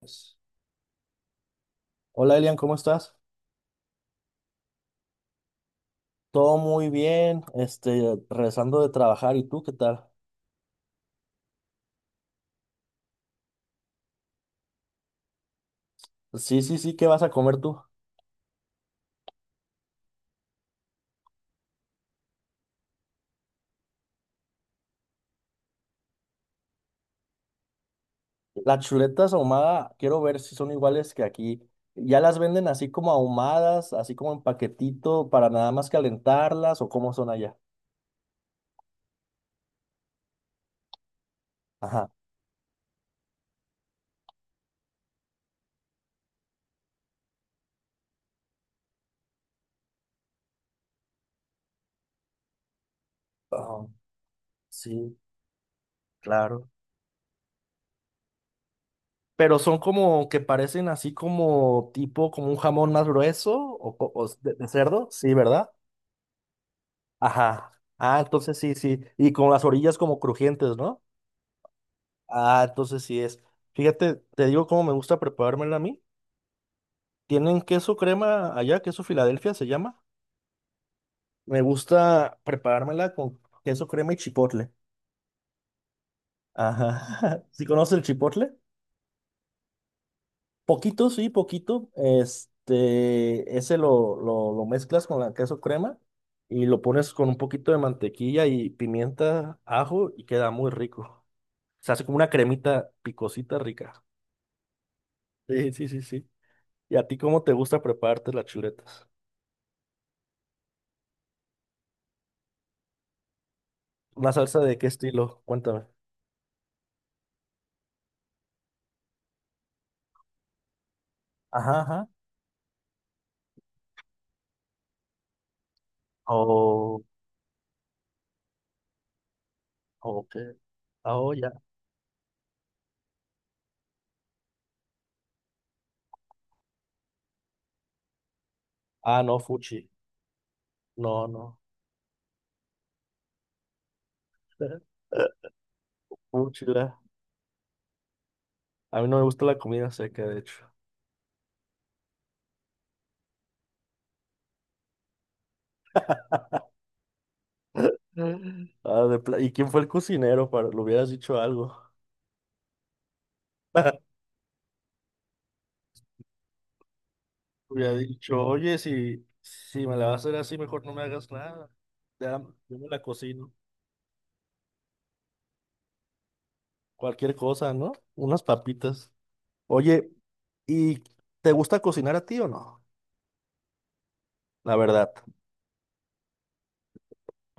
Pues, hola Elian, ¿cómo estás? Todo muy bien, regresando de trabajar, ¿y tú qué tal? Sí, sí, sí, ¿qué vas a comer tú? Las chuletas ahumada, quiero ver si son iguales que aquí. ¿Ya las venden así como ahumadas, así como en paquetito para nada más calentarlas o cómo son allá? Ajá. Ah, sí, claro. Pero son como que parecen así como tipo, como un jamón más grueso o de de cerdo, sí, ¿verdad? Ajá. Ah, entonces sí, sí. Y con las orillas como crujientes, ¿no? Ah, entonces sí es. Fíjate, te digo cómo me gusta preparármela a mí. Tienen queso crema allá, queso Filadelfia se llama. Me gusta preparármela con queso crema y chipotle. Ajá. ¿Sí conoces el chipotle? Poquito, sí, poquito. Este, ese lo mezclas con la queso crema y lo pones con un poquito de mantequilla y pimienta, ajo y queda muy rico. Se hace como una cremita picosita rica. Sí, sí, sí, sí. ¿Y a ti cómo te gusta prepararte las chuletas? ¿Una salsa de qué estilo? Cuéntame. Ajá, ajá. Oh, ok. Ah, oh, ya. Ah, no, fuchi. No, no. Fuchila. A mí no me gusta la comida seca, de hecho. Mm. ¿Y quién fue el cocinero? Para... Le hubieras dicho algo. Hubiera dicho, oye, si me la vas a hacer así, mejor no me hagas nada. Ya, yo me la cocino. Cualquier cosa, ¿no? Unas papitas. Oye, ¿y te gusta cocinar a ti o no? La verdad,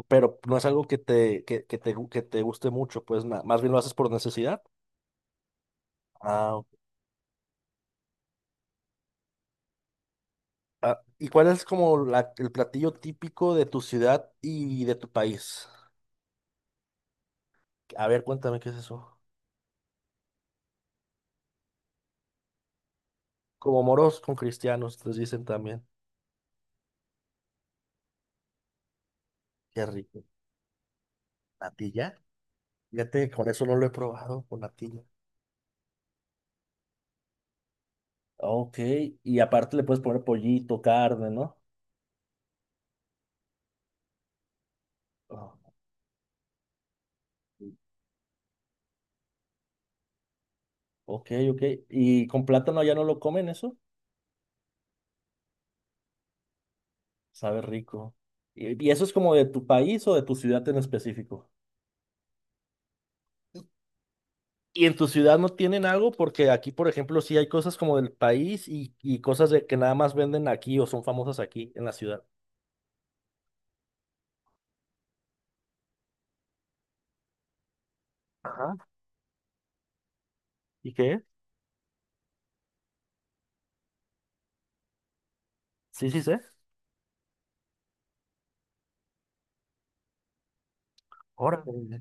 pero no es algo que te, gu- que te guste mucho, pues más bien lo haces por necesidad. Ah, ok. Ah, ¿y cuál es como el platillo típico de tu ciudad y de tu país? A ver, cuéntame qué es eso. Como moros con cristianos, les dicen también. Qué rico. ¿Natilla? Fíjate, con eso no lo he probado, con natilla. Ok, y aparte le puedes poner pollito, carne, ¿no? Ah, ok, ok. ¿Y con plátano ya no lo comen eso? Sabe rico. Y eso es como de tu país o de tu ciudad en específico? ¿Y en tu ciudad no tienen algo? Porque aquí, por ejemplo, sí hay cosas como del país y cosas de que nada más venden aquí o son famosas aquí en la ciudad. Ajá. ¿Y qué? Sí, sí, sé. Órale.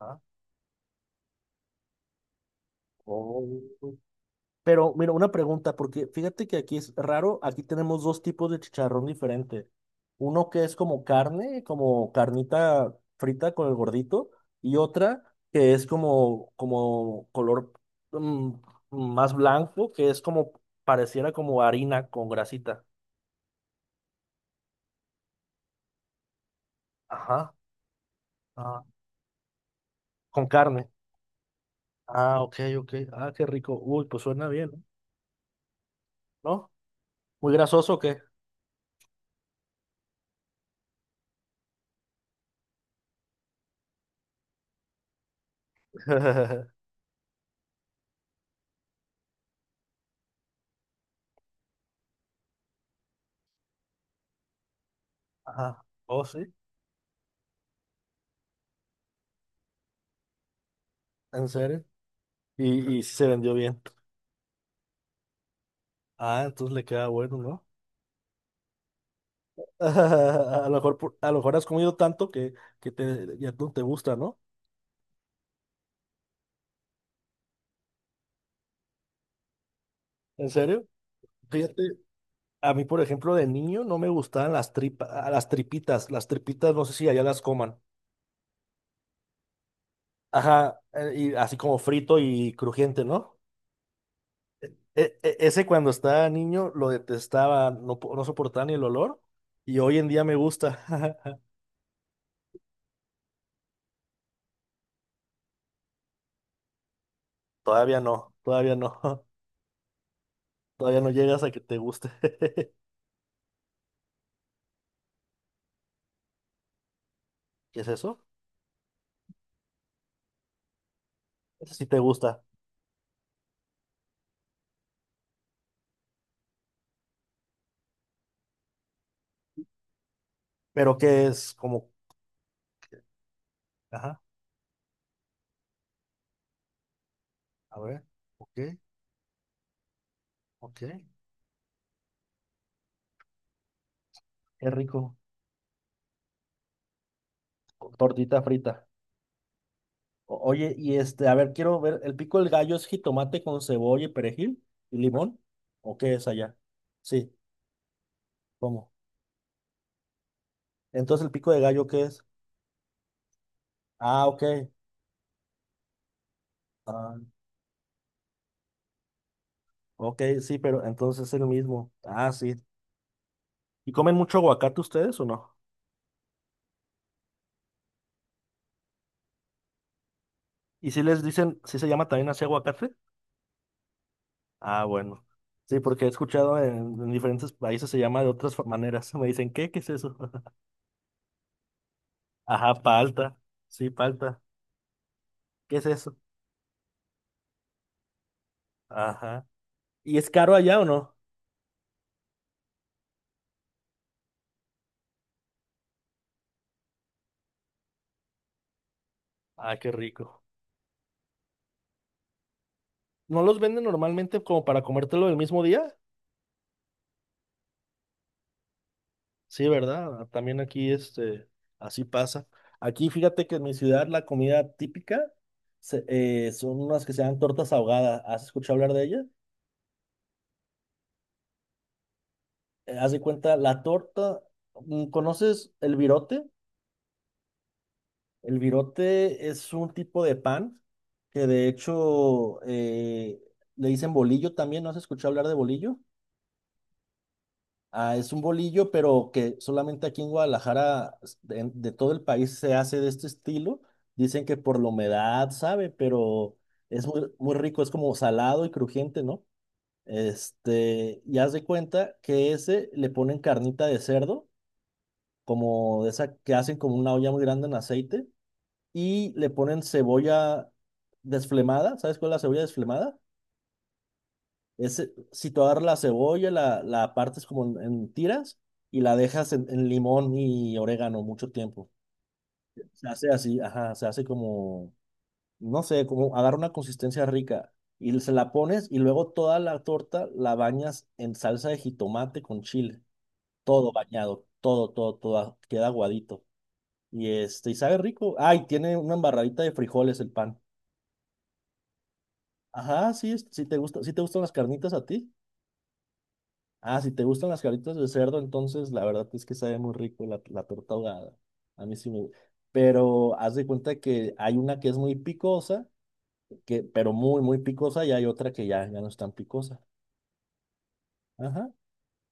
Ah. Oh. Pero mira, una pregunta, porque fíjate que aquí es raro, aquí tenemos dos tipos de chicharrón diferente. Uno que es como carne, como carnita frita con el gordito, y otra que es como, como color mm, más blanco, que es como pareciera como harina con grasita. Ajá, ah, con carne. Ah, ok, ok. Ah, qué rico. Uy, pues suena bien, ¿no? ¿No? ¿Muy grasoso o qué? Ajá. Oh, sí. ¿En serio? Y sí se vendió bien. Ah, entonces le queda bueno, ¿no? A lo mejor, a lo mejor has comido tanto que te, ya no te gusta, ¿no? ¿En serio? Fíjate, a mí, por ejemplo, de niño no me gustaban las tripas, las tripitas. Las tripitas, no sé si allá las coman. Ajá, y así como frito y crujiente, ¿no? Ese cuando estaba niño lo detestaba, no, no soportaba ni el olor. Y hoy en día me gusta. Todavía no, todavía no. Todavía no llegas a que te guste. ¿Qué es eso? Eso sí te gusta. Pero que es como, ajá, a ver, ok, ok, qué rico, con tortita frita. Oye, y este, a ver, quiero ver, ¿el pico del gallo es jitomate con cebolla y perejil y limón? ¿O qué es allá? Sí, ¿cómo? Entonces, ¿el pico de gallo qué es? Ah, ok. Ah, ok, sí, pero entonces es el mismo. Ah, sí. ¿Y comen mucho aguacate ustedes o no? ¿Y si les dicen, si se llama también así aguacate? Ah, bueno. Sí, porque he escuchado en diferentes países se llama de otras maneras. Me dicen, ¿qué? ¿Qué es eso? Ajá, palta. Sí, palta. ¿Qué es eso? Ajá. ¿Y es caro allá o no? Ah, qué rico. ¿No los venden normalmente como para comértelo el mismo día? Sí, ¿verdad? También aquí, este, así pasa. Aquí, fíjate que en mi ciudad la comida típica son unas que se llaman tortas ahogadas. ¿Has escuchado hablar de ellas? Haz de cuenta, la torta, mm, ¿conoces el virote? El virote es un tipo de pan que de hecho le dicen bolillo también. ¿No has escuchado hablar de bolillo? Ah, es un bolillo, pero que solamente aquí en Guadalajara, de todo el país, se hace de este estilo. Dicen que por la humedad, sabe, pero es muy, muy rico, es como salado y crujiente, ¿no? Este, y haz de cuenta que ese le ponen carnita de cerdo, como de esa que hacen como una olla muy grande en aceite y le ponen cebolla desflemada. ¿Sabes cuál es la cebolla desflemada? Es situar la cebolla, la partes como en tiras y la dejas en limón y orégano mucho tiempo. Se hace así, ajá, se hace como, no sé, como agarra una consistencia rica. Y se la pones y luego toda la torta la bañas en salsa de jitomate con chile. Todo bañado, todo, todo, todo, queda aguadito. Y este, y sabe rico. Ay, tiene una embarradita de frijoles el pan. Ajá, sí, sí te gusta, sí te gustan las carnitas a ti. Ah, si te gustan las carnitas de cerdo, entonces la verdad es que sabe muy rico la torta ahogada. A mí sí me gusta. Pero haz de cuenta que hay una que es muy picosa, que, pero muy, muy picosa, y hay otra que ya, ya no es tan picosa. Ajá.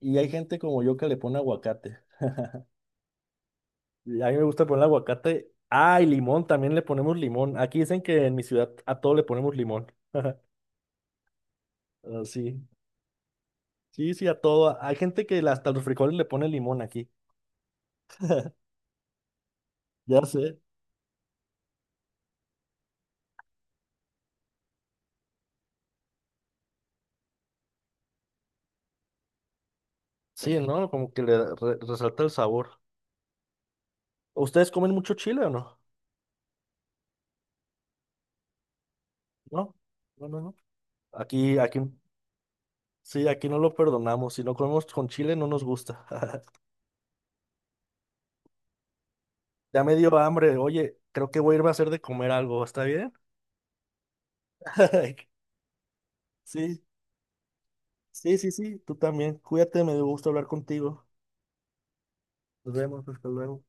Y hay gente como yo que le pone aguacate. Y a mí me gusta poner aguacate. Ah, y limón, también le ponemos limón. Aquí dicen que en mi ciudad a todo le ponemos limón. Ah, sí. Sí, sí, a todo. Hay gente que hasta los frijoles le pone limón aquí. Ya sé. Sí, ¿no? Como que resalta el sabor. ¿Ustedes comen mucho chile o no? No, no, no, no. Aquí, aquí, sí, aquí no lo perdonamos. Si no comemos con chile, no nos gusta. Ya me dio hambre. Oye, creo que voy a irme a hacer de comer algo. ¿Está bien? Sí, sí, sí, sí. Tú también. Cuídate, me dio gusto hablar contigo. Nos vemos, hasta luego.